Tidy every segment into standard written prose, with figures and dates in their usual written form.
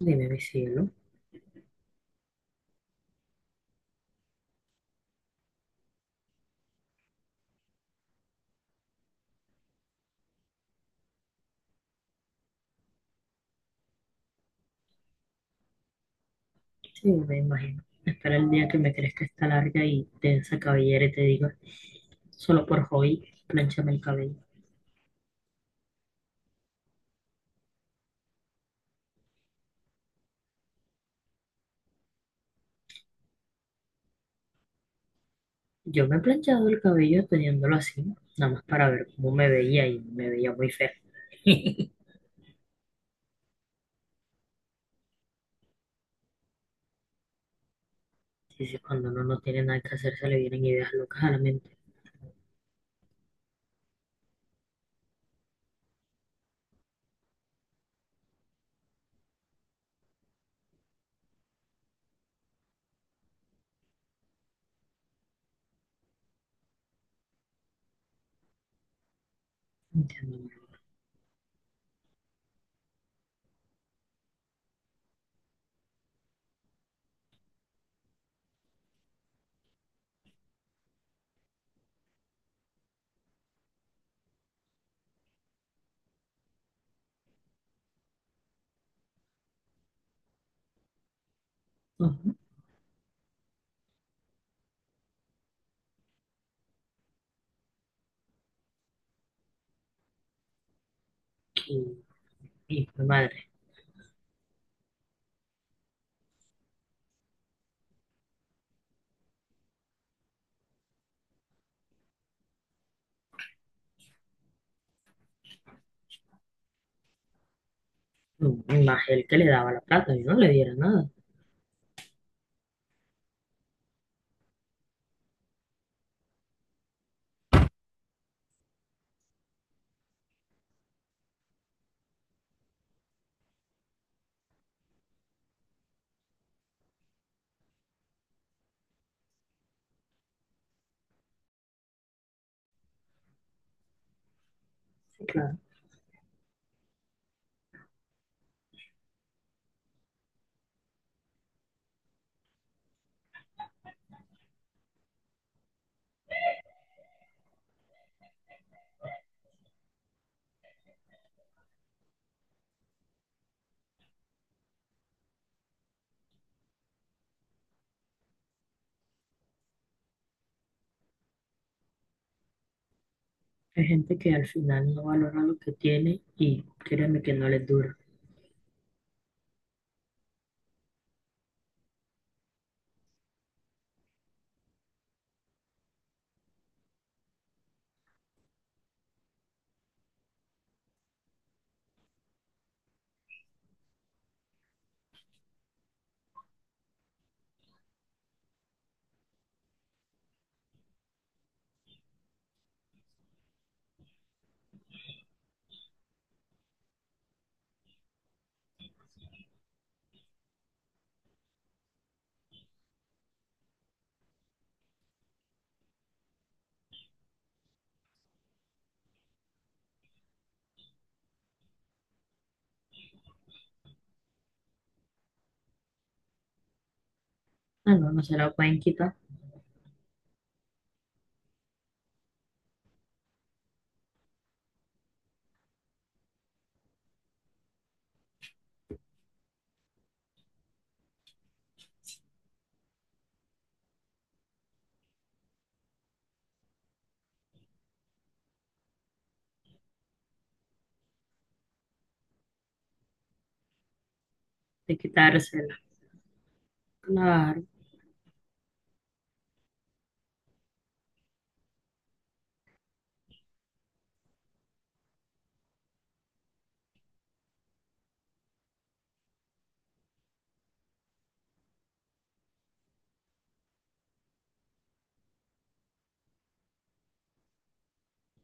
Dime, mi cielo. Sí, me imagino. Espera el día que me crezca esta larga y densa cabellera y te diga, solo por hoy, planchame el cabello. Yo me he planchado el cabello teniéndolo así, nada más para ver cómo me veía, y me veía muy fea. Sí, cuando uno no tiene nada que hacer, se le vienen ideas locas a la mente. Entiendo. Ujú. Y, y mi madre, mm, más el que le daba la plata, yo no le diera nada. Sí, claro. Hay gente que al final no valora lo que tiene, y créeme que no les dura. Ah, no, no se la pueden quitar. De quitársela. Claro,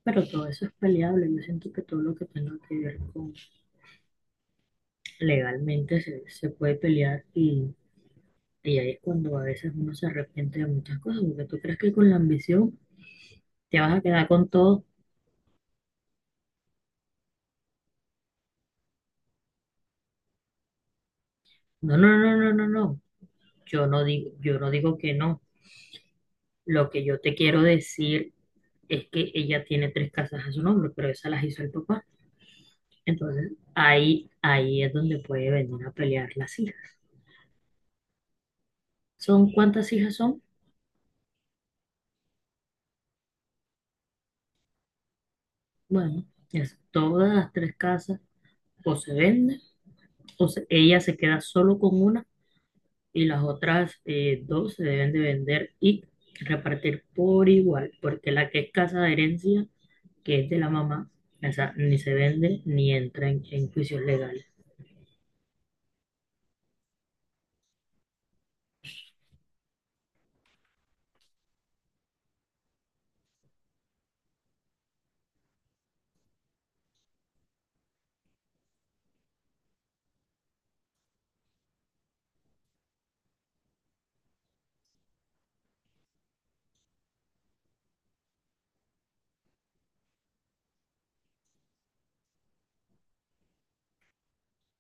pero todo eso es peleable. Yo siento que todo lo que tenga que ver con legalmente se puede pelear, y ahí es cuando a veces uno se arrepiente de muchas cosas, porque tú crees que con la ambición te vas a quedar con todo. No, no, no, no, no, no. Yo no digo que no. Lo que yo te quiero decir es que ella tiene tres casas a su nombre, pero esas las hizo el papá. Entonces, ahí es donde puede venir a pelear las hijas. ¿Son cuántas hijas son? Bueno, es todas las tres casas o se venden o se- ella se queda solo con una, y las otras dos se deben de vender y repartir por igual, porque la que es casa de herencia, que es de la mamá, esa ni se vende ni entra en juicios legales.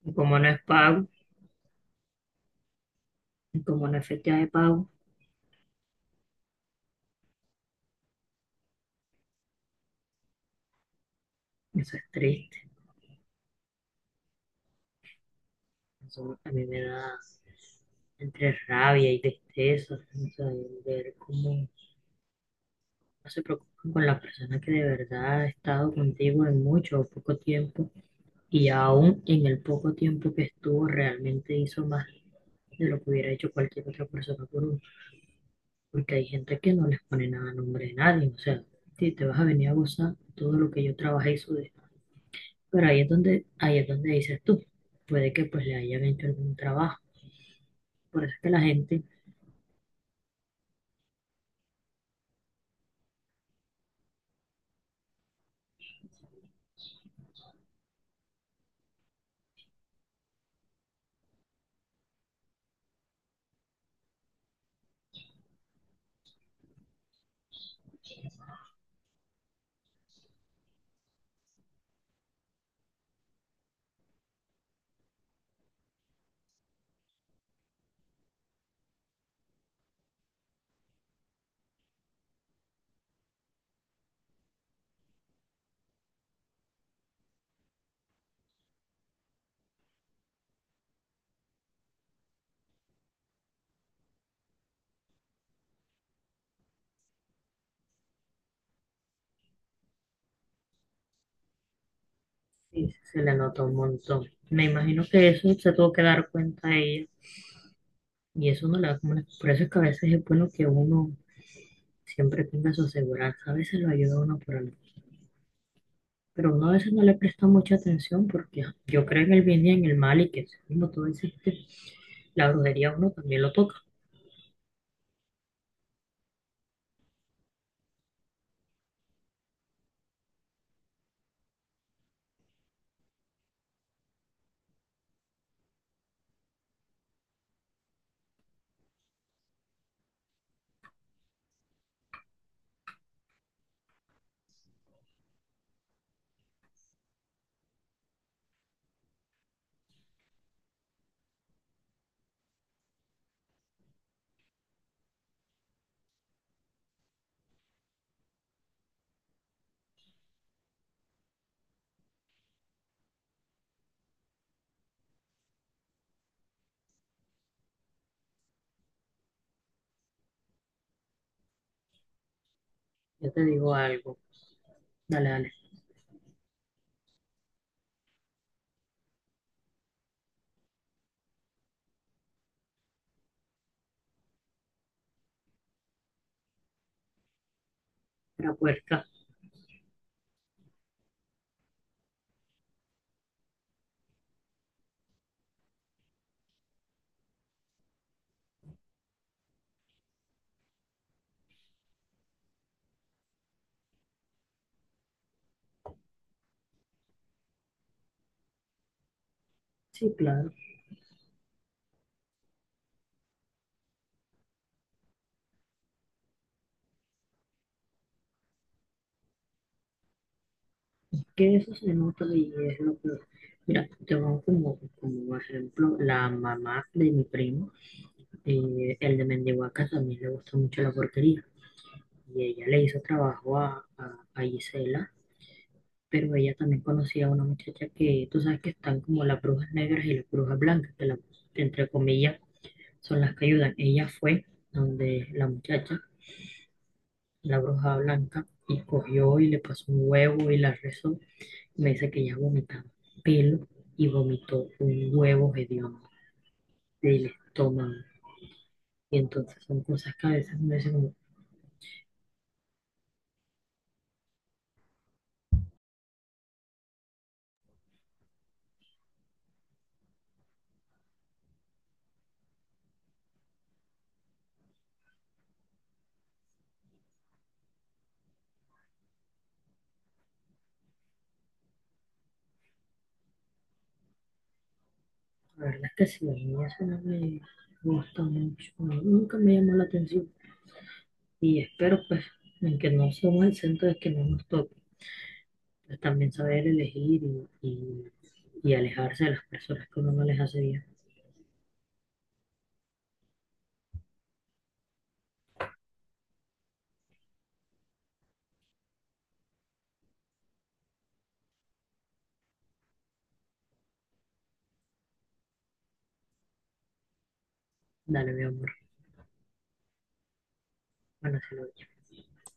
Y como no es pago, y como no es fecha de pago, eso es triste. Eso a mí me da entre rabia y tristeza, o sea, ver cómo no se preocupen con la persona que de verdad ha estado contigo en mucho o poco tiempo, y aún en el poco tiempo que estuvo realmente hizo más de lo que hubiera hecho cualquier otra persona por uno. Porque hay gente que no les pone nada a nombre de nadie. O sea, si te vas a venir a gozar todo lo que yo trabajé y sudé. Pero ahí es donde dices tú. Puede que pues le hayan hecho algún trabajo. Por eso es que la gente sí, se le nota un montón. Me imagino que eso se tuvo que dar cuenta a ella. Y eso no le da como la- por eso es que a veces es bueno que uno siempre tenga su aseguranza, a veces lo ayuda a uno por algo. Pero uno a veces no le presta mucha atención porque ah, yo creo en el bien y en el mal, y que como tú dijiste, la brujería uno también lo toca. Yo te digo algo, dale, dale, la puerta. Sí, claro, que eso se nota y es lo peor. Mira, te pongo como, como ejemplo la mamá de mi primo, el de Mendihuaca, también le gusta mucho la porquería y ella le hizo trabajo a Gisela, pero ella también conocía a una muchacha que tú sabes que están como las brujas negras y las brujas blancas, que las, entre comillas, son las que ayudan. Ella fue donde la muchacha, la bruja blanca, y cogió y le pasó un huevo y la rezó. Me dice que ella vomitaba pelo y vomitó un huevo hediondo del estómago. Y entonces son cosas que a veces me dicen, como, la verdad es que sí, a mí eso no me gusta mucho, no, nunca me llamó la atención. Y espero, pues, en que no somos el centro de que no nos toque, pues también saber elegir y alejarse de las personas que uno no les hace bien. Dale, mi amor. Buenas noches.